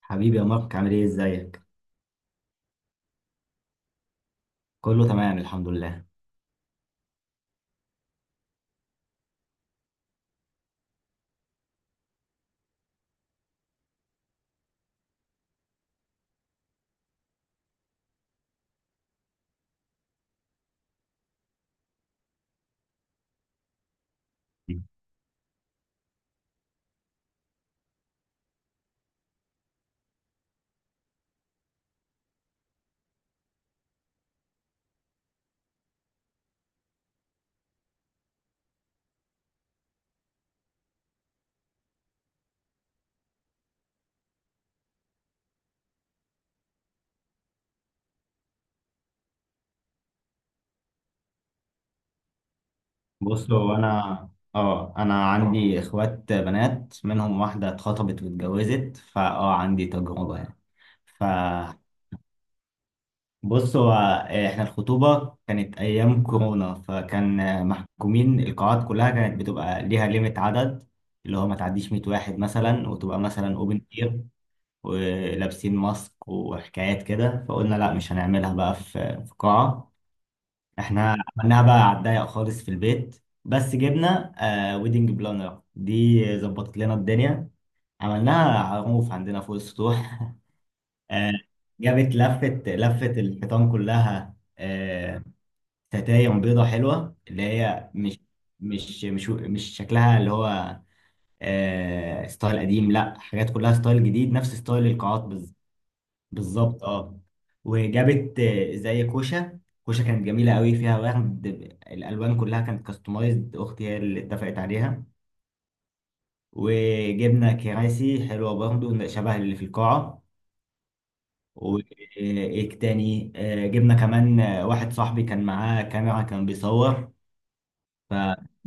حبيبي يا مارك، عامل ايه؟ ازيك؟ كله تمام الحمد لله. بص، هو انا اه انا عندي اخوات بنات، منهم واحده اتخطبت واتجوزت، فاه عندي تجربه يعني. فبص، هو احنا الخطوبه كانت ايام كورونا، فكان محكومين. القاعات كلها كانت بتبقى ليها ليميت عدد، اللي هو ما تعديش 100 واحد مثلا، وتبقى مثلا اوبن اير ولابسين ماسك وحكايات كده. فقلنا لا، مش هنعملها بقى في قاعه. احنا عملناها بقى على الضيق خالص في البيت، بس جبنا آه ويدنج بلانر، دي ظبطت لنا الدنيا. عملناها على الرoof عندنا فوق السطوح آه، جابت لفت لفت الحيطان كلها، آه، ستاير بيضة حلوة، اللي هي مش مش شكلها اللي هو آه ستايل قديم، لا، حاجات كلها ستايل جديد، نفس ستايل القاعات بالظبط. بالظبط، اه. وجابت زي كوشه، كوشه كانت جميله قوي، فيها ورد. الالوان كلها كانت كاستمايزد، اختي هي اللي اتفقت عليها. وجبنا كراسي حلوه برضو شبه اللي في القاعه. وايه تاني، جبنا كمان واحد صاحبي كان معاه كاميرا، كان بيصور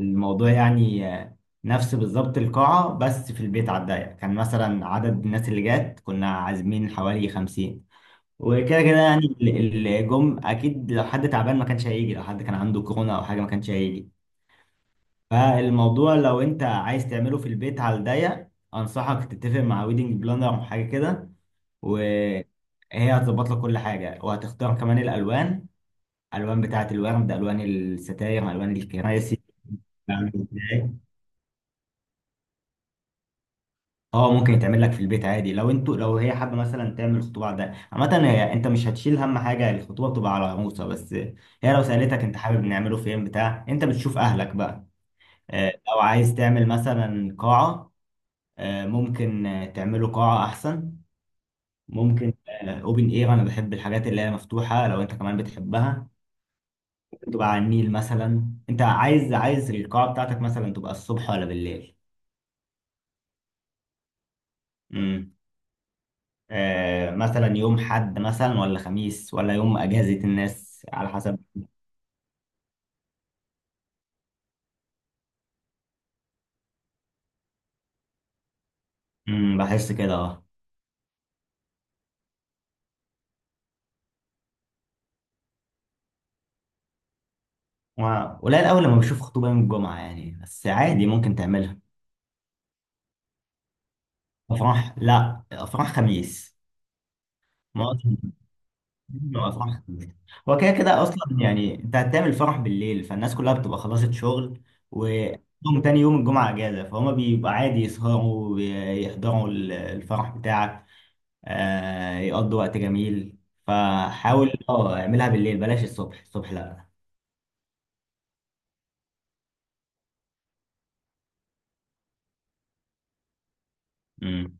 الموضوع يعني. نفس بالظبط القاعه، بس في البيت على الضيق. كان مثلا عدد الناس اللي جات كنا عازمين حوالي 50. وكده كده يعني الجم، اكيد لو حد تعبان ما كانش هيجي، لو حد كان عنده كورونا او حاجه ما كانش هيجي. فالموضوع لو انت عايز تعمله في البيت على الضيق، انصحك تتفق مع ويدنج بلانر او حاجه كده، وهي هتظبط لك كل حاجه، وهتختار كمان الالوان: الوان بتاعه الورد، الوان الستاير، الوان الكراسي. بتعمل إزاي. اه، ممكن يتعمل لك في البيت عادي. لو انتوا، لو هي حابه مثلا تعمل خطوبه عاديه عامه، انت مش هتشيل هم حاجه، الخطوبه بتبقى على موسى. بس هي لو سالتك انت حابب نعمله فين بتاع، انت بتشوف اهلك بقى. لو عايز تعمل مثلا قاعه، ممكن تعمله قاعه احسن. ممكن اوبن اير، انا بحب الحاجات اللي هي مفتوحه، لو انت كمان بتحبها تبقى على النيل مثلا. انت عايز القاعه بتاعتك مثلا تبقى الصبح ولا بالليل؟ مثلا يوم حد مثلا، ولا خميس، ولا يوم اجازة الناس على حسب. امم، بحس كده، اه. و- قليل قوي لما بشوف خطوبة يوم الجمعة يعني، بس عادي ممكن تعملها. افراح لا، افراح خميس. ما هو أصلاً افراح خميس. هو كده كده اصلا يعني، انت هتعمل فرح بالليل، فالناس كلها بتبقى خلصت شغل، ويوم تاني يوم الجمعة اجازة، فهم بيبقى عادي يسهروا ويحضروا الفرح بتاعك، آه، يقضوا وقت جميل. مم. فحاول اه اعملها بالليل، بلاش الصبح، الصبح لا. مم.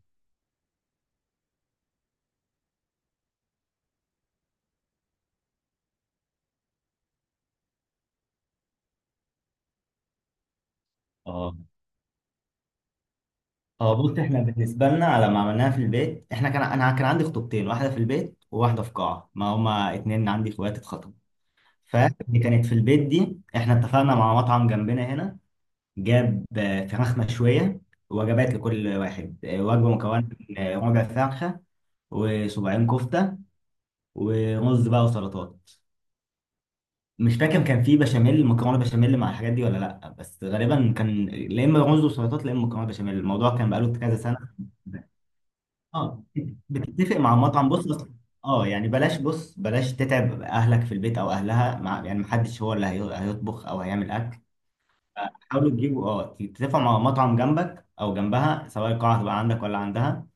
اه اه، بص، احنا بالنسبه لنا لما عملناها في البيت، احنا كان، انا كان عندي خطوبتين، واحده في البيت وواحده في قاعه، ما هما اتنين عندي اخوات اتخطبوا. فاللي كانت في البيت دي احنا اتفقنا مع مطعم جنبنا هنا، جاب فراخ مشويه، وجبات لكل واحد، وجبه مكونه من ربع فرخه، وصباعين كفته، ورز بقى وسلطات. مش فاكر كان في بشاميل مكرونه بشاميل مع الحاجات دي ولا لا، بس غالبا كان لا اما رز وسلطات، لا اما مكرونه بشاميل. الموضوع كان بقاله كذا سنه. اه، بتتفق مع المطعم. اه يعني، بلاش، بص، بلاش تتعب اهلك في البيت او اهلها، مع يعني محدش هو اللي هيطبخ او هيعمل اكل. حاولوا تجيبوا، اه، تتفقوا مع مطعم جنبك او جنبها، سواء القاعه هتبقى عندك ولا عندها.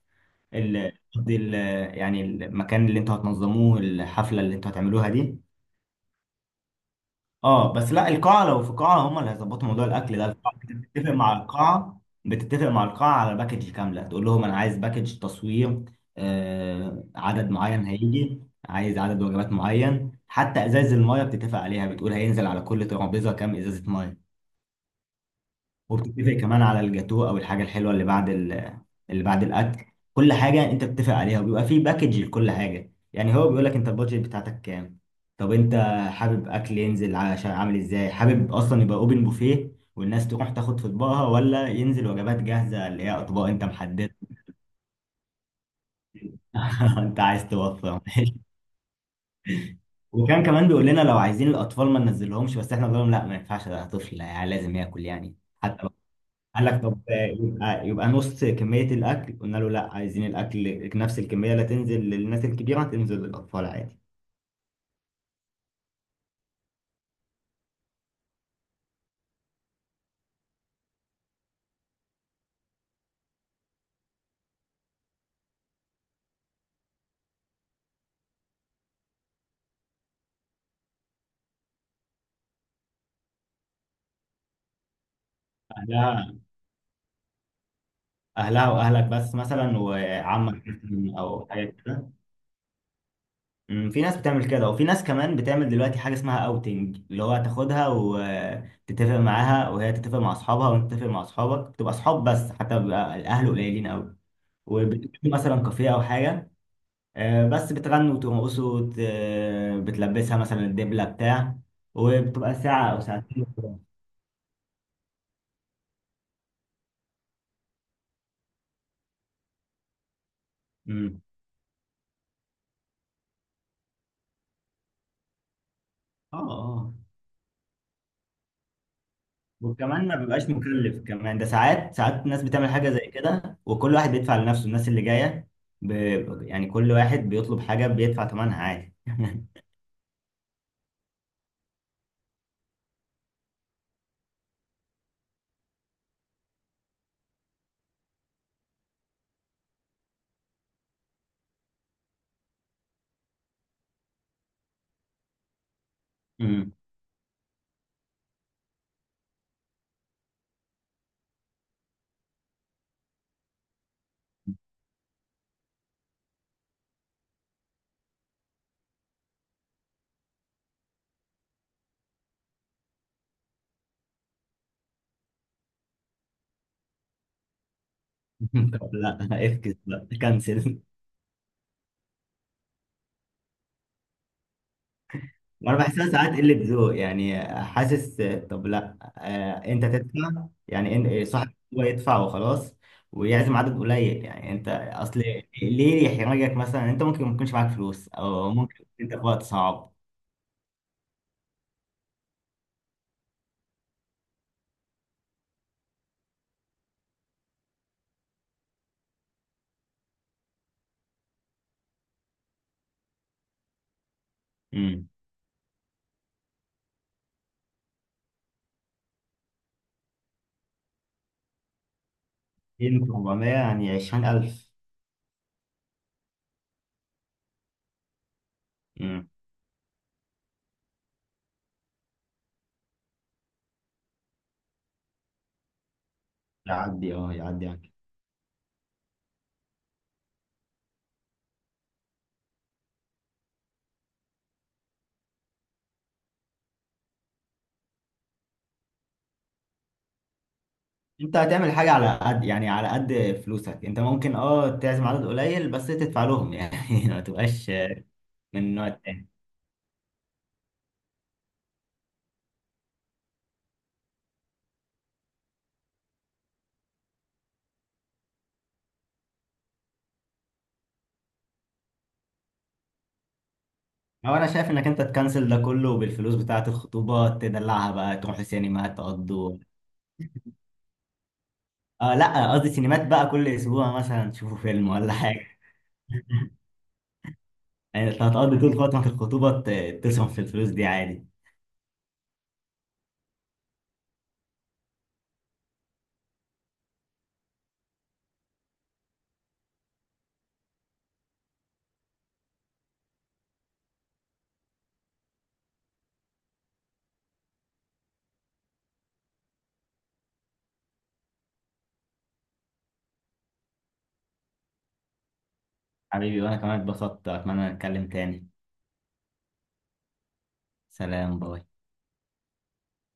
ال... قصدي ال... يعني المكان اللي انتوا هتنظموه، الحفله اللي انتوا هتعملوها دي. اه بس لا، القاعة، لو في قاعة، هم اللي هيظبطوا موضوع الأكل ده. القاعة بتتفق مع القاعة على باكج كاملة. تقول لهم أنا عايز باكج تصوير، آه، عدد معين هيجي، عايز عدد وجبات معين. حتى إزاز المية بتتفق عليها، بتقول هينزل على كل ترابيزة كام إزازة مية. وبتتفق كمان على الجاتوه او الحاجه الحلوه اللي بعد الاكل. كل حاجه انت بتتفق عليها، وبيبقى في باكج لكل حاجه. يعني هو بيقول لك انت البادجت بتاعتك كام، طب انت حابب اكل ينزل عشان عامل ازاي، حابب اصلا يبقى اوبن بوفيه والناس تروح تاخد في اطباقها، ولا ينزل وجبات جاهزه اللي هي اطباق انت محددها. انت عايز توفر. وكان كمان بيقول لنا لو عايزين الاطفال ما ننزلهمش، بس احنا بنقول لهم لا، ما ينفعش، ده طفل يعني، لازم ياكل يعني. حتى قال لك طب، يبقى نص كمية الأكل، قلنا له لا، عايزين الأكل نفس الكمية، لا تنزل للناس الكبيرة تنزل للأطفال عادي. أهلها، أهلها وأهلك بس مثلا، وعمك مثلاً أو حاجة كده. أمم، في ناس بتعمل كده، وفي ناس كمان بتعمل دلوقتي حاجة اسمها أوتنج، اللي هو تاخدها وتتفق معاها، وهي تتفق مع أصحابها، وأنت تتفق مع أصحابك، تبقى أصحاب بس، حتى بيبقى الأهل قليلين أوي. وبتكون مثلا كافيه أو حاجة، بس بتغنوا وترقصوا وت- آه، بتلبسها مثلا الدبلة بتاع، وبتبقى ساعة أو ساعتين. امم، اه اه. وكمان ما بيبقاش مكلف كمان، ده ساعات، ساعات الناس بتعمل حاجة زي كده، وكل واحد بيدفع لنفسه، الناس اللي جاية ب... يعني كل واحد بيطلب حاجة بيدفع ثمنها عادي. امم. طب لا، افكس بقى كنسل. وانا بحسها ساعات قله ذوق يعني، حاسس طب لا، انت تدفع يعني، ان صاحب هو يدفع وخلاص، ويعزم عدد قليل يعني. انت اصل ليه يحرجك مثلا؟ انت ممكن ما يكونش معاك فلوس، او ممكن انت في وقت صعب. امم. 400 يعني 20,000. امم، يعدي، اه يعدي يعني. انت هتعمل حاجه على قد يعني، على قد فلوسك، انت ممكن اه تعزم عدد قليل بس تدفع لهم يعني. ما تبقاش من النوع التاني. هو انا شايف انك انت تكنسل ده كله، بالفلوس بتاعة الخطوبة تدلعها بقى، تروح سينما، تقضوا، آه لا، قصدي سينمات بقى كل اسبوع مثلا تشوفوا فيلم ولا حاجة. يعني انت هتقضي طول فترة الخطوبة تصرف في الفلوس دي عادي. حبيبي، وانا كمان اتبسطت، اتمنى نتكلم تاني. سلام، باي.